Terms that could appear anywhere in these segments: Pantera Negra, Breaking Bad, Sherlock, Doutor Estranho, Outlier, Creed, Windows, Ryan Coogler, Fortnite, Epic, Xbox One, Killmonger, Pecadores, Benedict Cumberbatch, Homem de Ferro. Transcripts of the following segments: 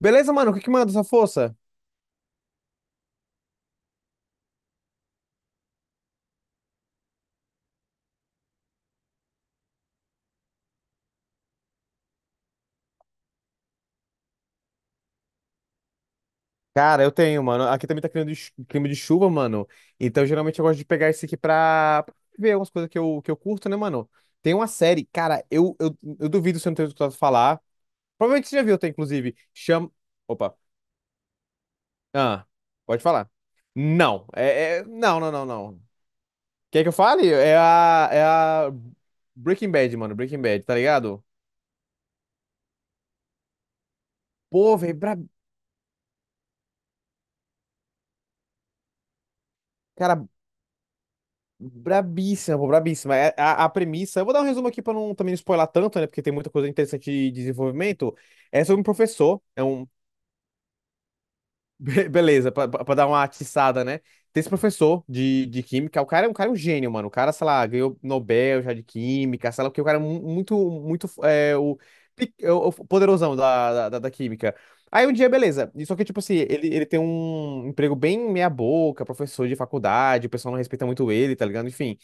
Beleza, mano? O que que manda essa força? Cara, eu tenho, mano. Aqui também tá criando clima de chuva, mano. Então, geralmente eu gosto de pegar esse aqui pra ver algumas coisas que eu curto, né, mano? Tem uma série, cara, eu duvido se eu não tenho escutado falar. Provavelmente você já viu, até, inclusive. Chama. Opa. Ah, pode falar. Não. Não, não, não, não. Quer que eu fale? É a Breaking Bad, mano. Breaking Bad, tá ligado? Pô, velho, cara, brabíssima, pô, brabíssima. A premissa, eu vou dar um resumo aqui para não também não spoiler tanto, né? Porque tem muita coisa interessante de desenvolvimento. É sobre um professor, é um. Beleza, para dar uma atiçada, né? Tem esse professor de química, o cara, é um gênio, mano. O cara, sei lá, ganhou Nobel já de química, sei lá o que, o cara é muito, muito, é o poderosão da química. Aí um dia, beleza. Só que, tipo assim, ele tem um emprego bem meia boca, professor de faculdade, o pessoal não respeita muito ele, tá ligado? Enfim,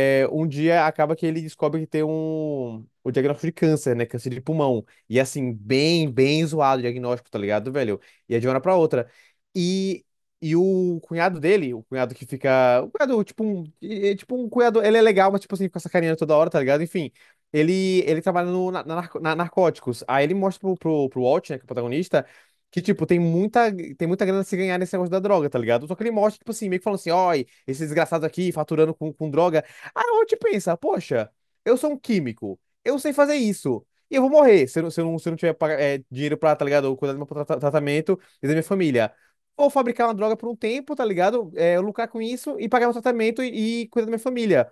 um dia acaba que ele descobre que tem o diagnóstico de câncer, né? Câncer de pulmão. E assim, bem, bem zoado o diagnóstico, tá ligado, velho? E é de uma hora pra outra. E, e o cunhado dele, o cunhado que fica. O cunhado, tipo um. É tipo um cunhado. Ele é legal, mas tipo assim, fica sacaneando toda hora, tá ligado? Enfim. Ele trabalha no, na, na narco- na narcóticos. Aí ele mostra pro Walt, né, que é o protagonista, que, tipo, tem muita grana a se ganhar nesse negócio da droga, tá ligado? Só que ele mostra, tipo assim, meio que falando assim, ó, esse desgraçado aqui faturando com droga. Aí a gente pensa, poxa, eu sou um químico, eu sei fazer isso, e eu vou morrer se eu não tiver dinheiro pra, tá ligado, cuidar do meu tratamento e da minha família. Vou fabricar uma droga por um tempo, tá ligado? Eu lucrar com isso e pagar meu tratamento e cuidar da minha família.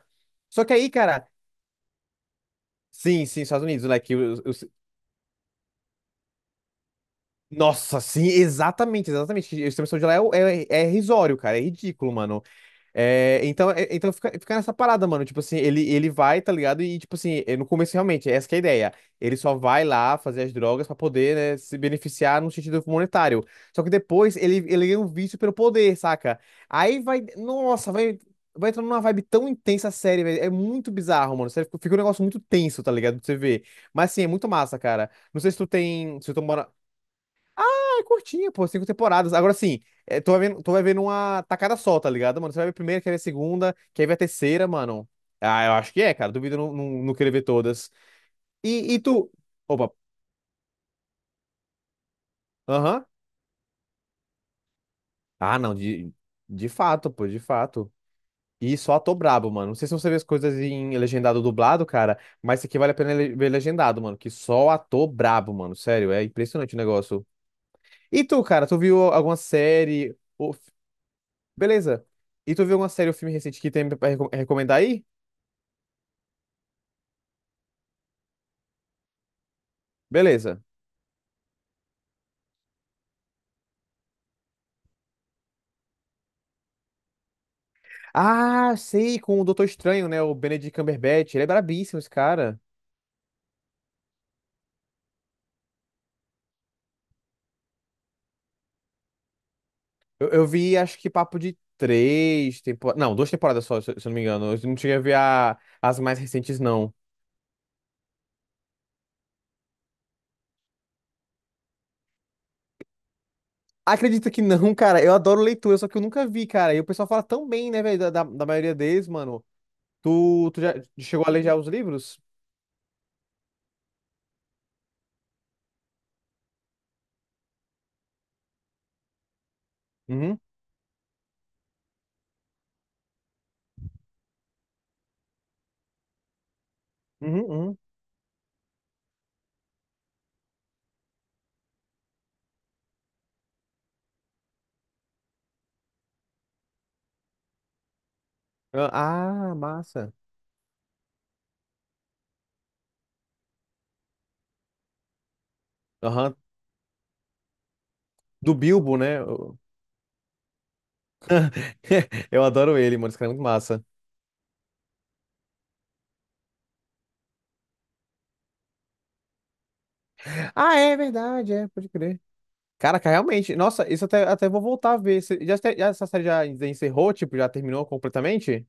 Só que aí, cara, sim, sim, Estados Unidos, né? Nossa, sim, exatamente, exatamente. Que O sistema de saúde lá é, é irrisório, cara, é ridículo, mano. É, então, então fica nessa parada, mano. Tipo assim, ele vai, tá ligado? E, tipo assim, no começo, realmente, é essa que é a ideia. Ele só vai lá fazer as drogas pra poder, né, se beneficiar no sentido monetário. Só que depois ele ganha um vício pelo poder, saca? Aí vai. Nossa, vai entrando numa vibe tão intensa a série, velho. É muito bizarro, mano. Sério, fica um negócio muito tenso, tá ligado? Pra você ver. Mas, assim, é muito massa, cara. Não sei se tu tem. Se tu mora, é curtinha, pô, cinco temporadas. Agora sim, tu vai vendo uma tacada só, tá ligado, mano? Você vai ver a primeira, quer ver a segunda, quer ver a terceira, mano. Ah, eu acho que é, cara. Duvido não querer ver todas. E tu. Opa, aham. Ah, não, de fato, pô, de fato. E só ator brabo, mano. Não sei se você vê as coisas em legendado ou dublado, cara, mas isso aqui vale a pena ver legendado, mano. Que só ator brabo, mano. Sério, é impressionante o negócio. E tu, cara, tu viu alguma série? Beleza. E tu viu uma série ou filme recente que tem pra recomendar aí? Beleza. Ah, sei, com o Doutor Estranho, né? O Benedict Cumberbatch. Ele é brabíssimo, esse cara. Eu vi, acho que papo de três temporadas. Não, duas temporadas só, se eu não me engano. Eu não cheguei a ver as mais recentes, não. Acredita que não, cara. Eu adoro leitura, só que eu nunca vi, cara. E o pessoal fala tão bem, né, velho, da maioria deles, mano. Tu já chegou a ler já os livros? Uhum, uhum, uhum. Ah, massa. Aham. Do Bilbo, né? Eu adoro ele, mano. Esse cara é muito massa. Ah, é verdade, é, pode crer. Caraca, realmente. Nossa, isso até, até vou voltar a ver. Essa série já encerrou, tipo, já terminou completamente?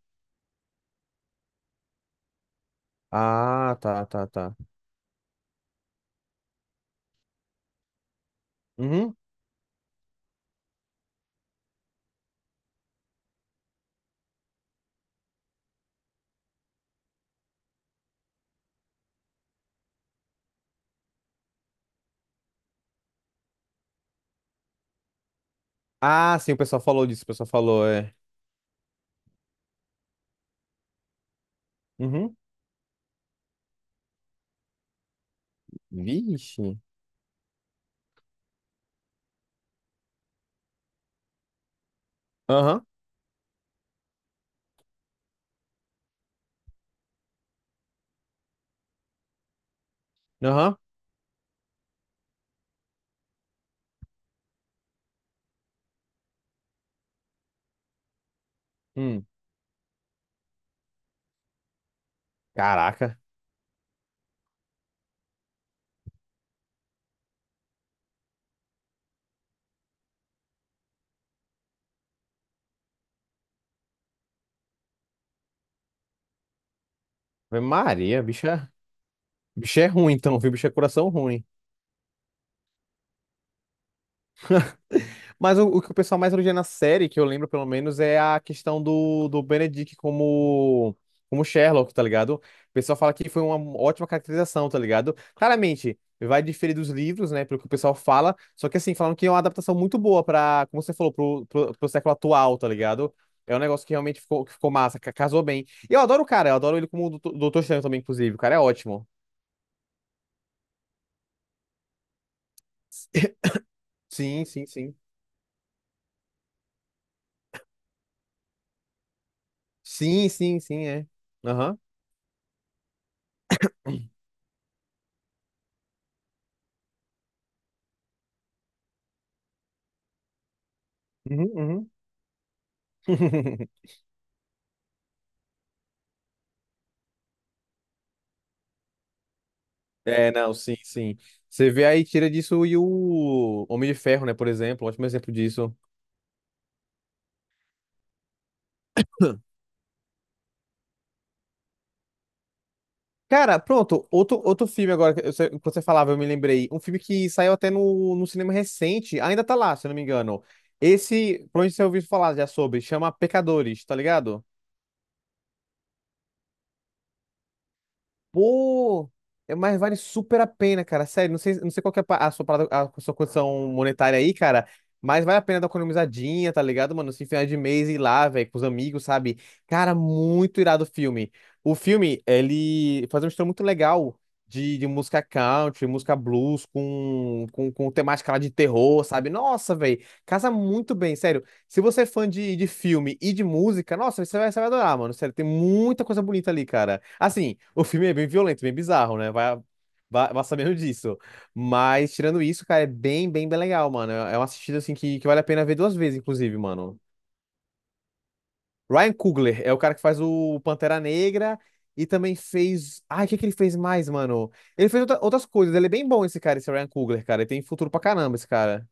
Ah, tá, tá, tá. Uhum. Ah, sim, o pessoal falou disso, o pessoal falou, é. Uhum. Vixe. Aham, aham. Hum. Caraca. Ave Maria, bicha. Bicho é ruim, então, viu? Bicho é coração ruim. Mas o que o pessoal mais elogia na série, que eu lembro pelo menos, é a questão do Benedict como, Sherlock, tá ligado? O pessoal fala que foi uma ótima caracterização, tá ligado? Claramente, vai diferir dos livros, né, pelo que o pessoal fala, só que assim, falando que é uma adaptação muito boa pra, como você falou, pro século atual, tá ligado? É um negócio que realmente ficou, que ficou massa, casou bem. E eu adoro o cara, eu adoro ele como Doutor Estranho também, inclusive. O cara é ótimo. Sim, sim, sim. Sim, sim, sim, é. Aham. Uhum, uhum. É, não, sim, sim. Você vê aí, tira disso e o Homem de Ferro, né, por exemplo, ótimo exemplo disso. Cara, pronto, outro filme agora, que quando você falava, eu me lembrei. Um filme que saiu até no cinema recente, ainda tá lá, se eu não me engano. Esse, provavelmente você ouviu falar já sobre, chama Pecadores, tá ligado? Pô, mas vale super a pena, cara. Sério, não sei, não sei qual que é a pa- a sua, parada- a sua condição monetária aí, cara. Mas vale a pena dar uma economizadinha, tá ligado, mano? Se final de mês ir lá, velho, com os amigos, sabe? Cara, muito irado o filme. O filme, ele faz um mistura muito legal de música country, música blues com temática lá de terror, sabe? Nossa, velho, casa muito bem, sério. Se você é fã de filme e de música, nossa, você vai adorar, mano. Sério, tem muita coisa bonita ali, cara. Assim, o filme é bem violento, bem bizarro, né? Vai sabendo disso. Mas, tirando isso, cara, é bem, bem, bem legal, mano. É uma assistida, assim, que vale a pena ver duas vezes, inclusive, mano. Ryan Coogler é o cara que faz o Pantera Negra e também fez. Ai, o que que ele fez mais, mano? Ele fez outras coisas. Ele é bem bom, esse cara, esse Ryan Coogler, cara. Ele tem futuro pra caramba, esse cara.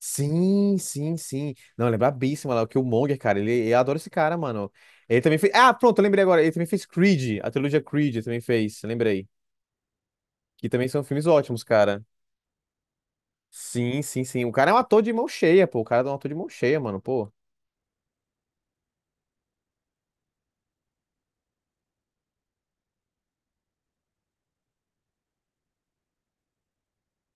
Sim, sim, sim. Não, lembra brabíssimo lá, que o Killmonger, cara, ele, eu adoro esse cara, mano. Ele também fez. Ah, pronto, eu lembrei agora. Ele também fez Creed, a trilogia Creed ele também fez, lembrei. Que também são filmes ótimos, cara. Sim, sim, sim. O cara é um ator de mão cheia, pô. O cara é um ator de mão cheia, mano, pô.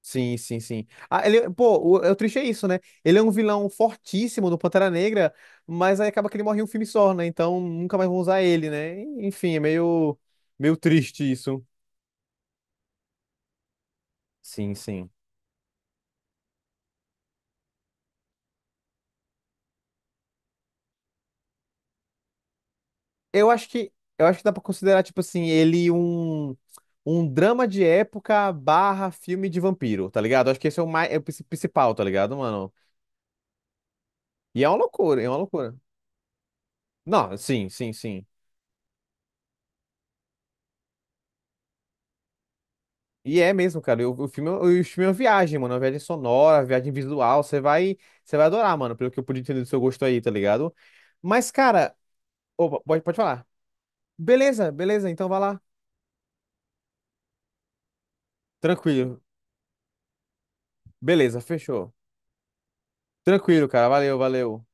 Sim, sim, sim. Ah, ele, pô, o triste é isso, né? Ele é um vilão fortíssimo do Pantera Negra, mas aí acaba que ele morre em um filme só, né? Então nunca mais vão usar ele, né? Enfim, é meio, meio triste isso. Sim, sim. Eu acho que eu acho que dá pra considerar, tipo assim, ele um drama de época barra filme de vampiro, tá ligado? Acho que esse é o mais, é o principal, tá ligado, mano? E é uma loucura, é uma loucura. Não, sim, sim, sim. E é mesmo, cara. O filme é uma viagem, mano. Uma viagem sonora, uma viagem visual. Você vai adorar, mano, pelo que eu pude entender do seu gosto aí, tá ligado? Mas, cara, opa, pode falar. Beleza, beleza, então vai lá. Tranquilo. Beleza, fechou. Tranquilo, cara. Valeu, valeu.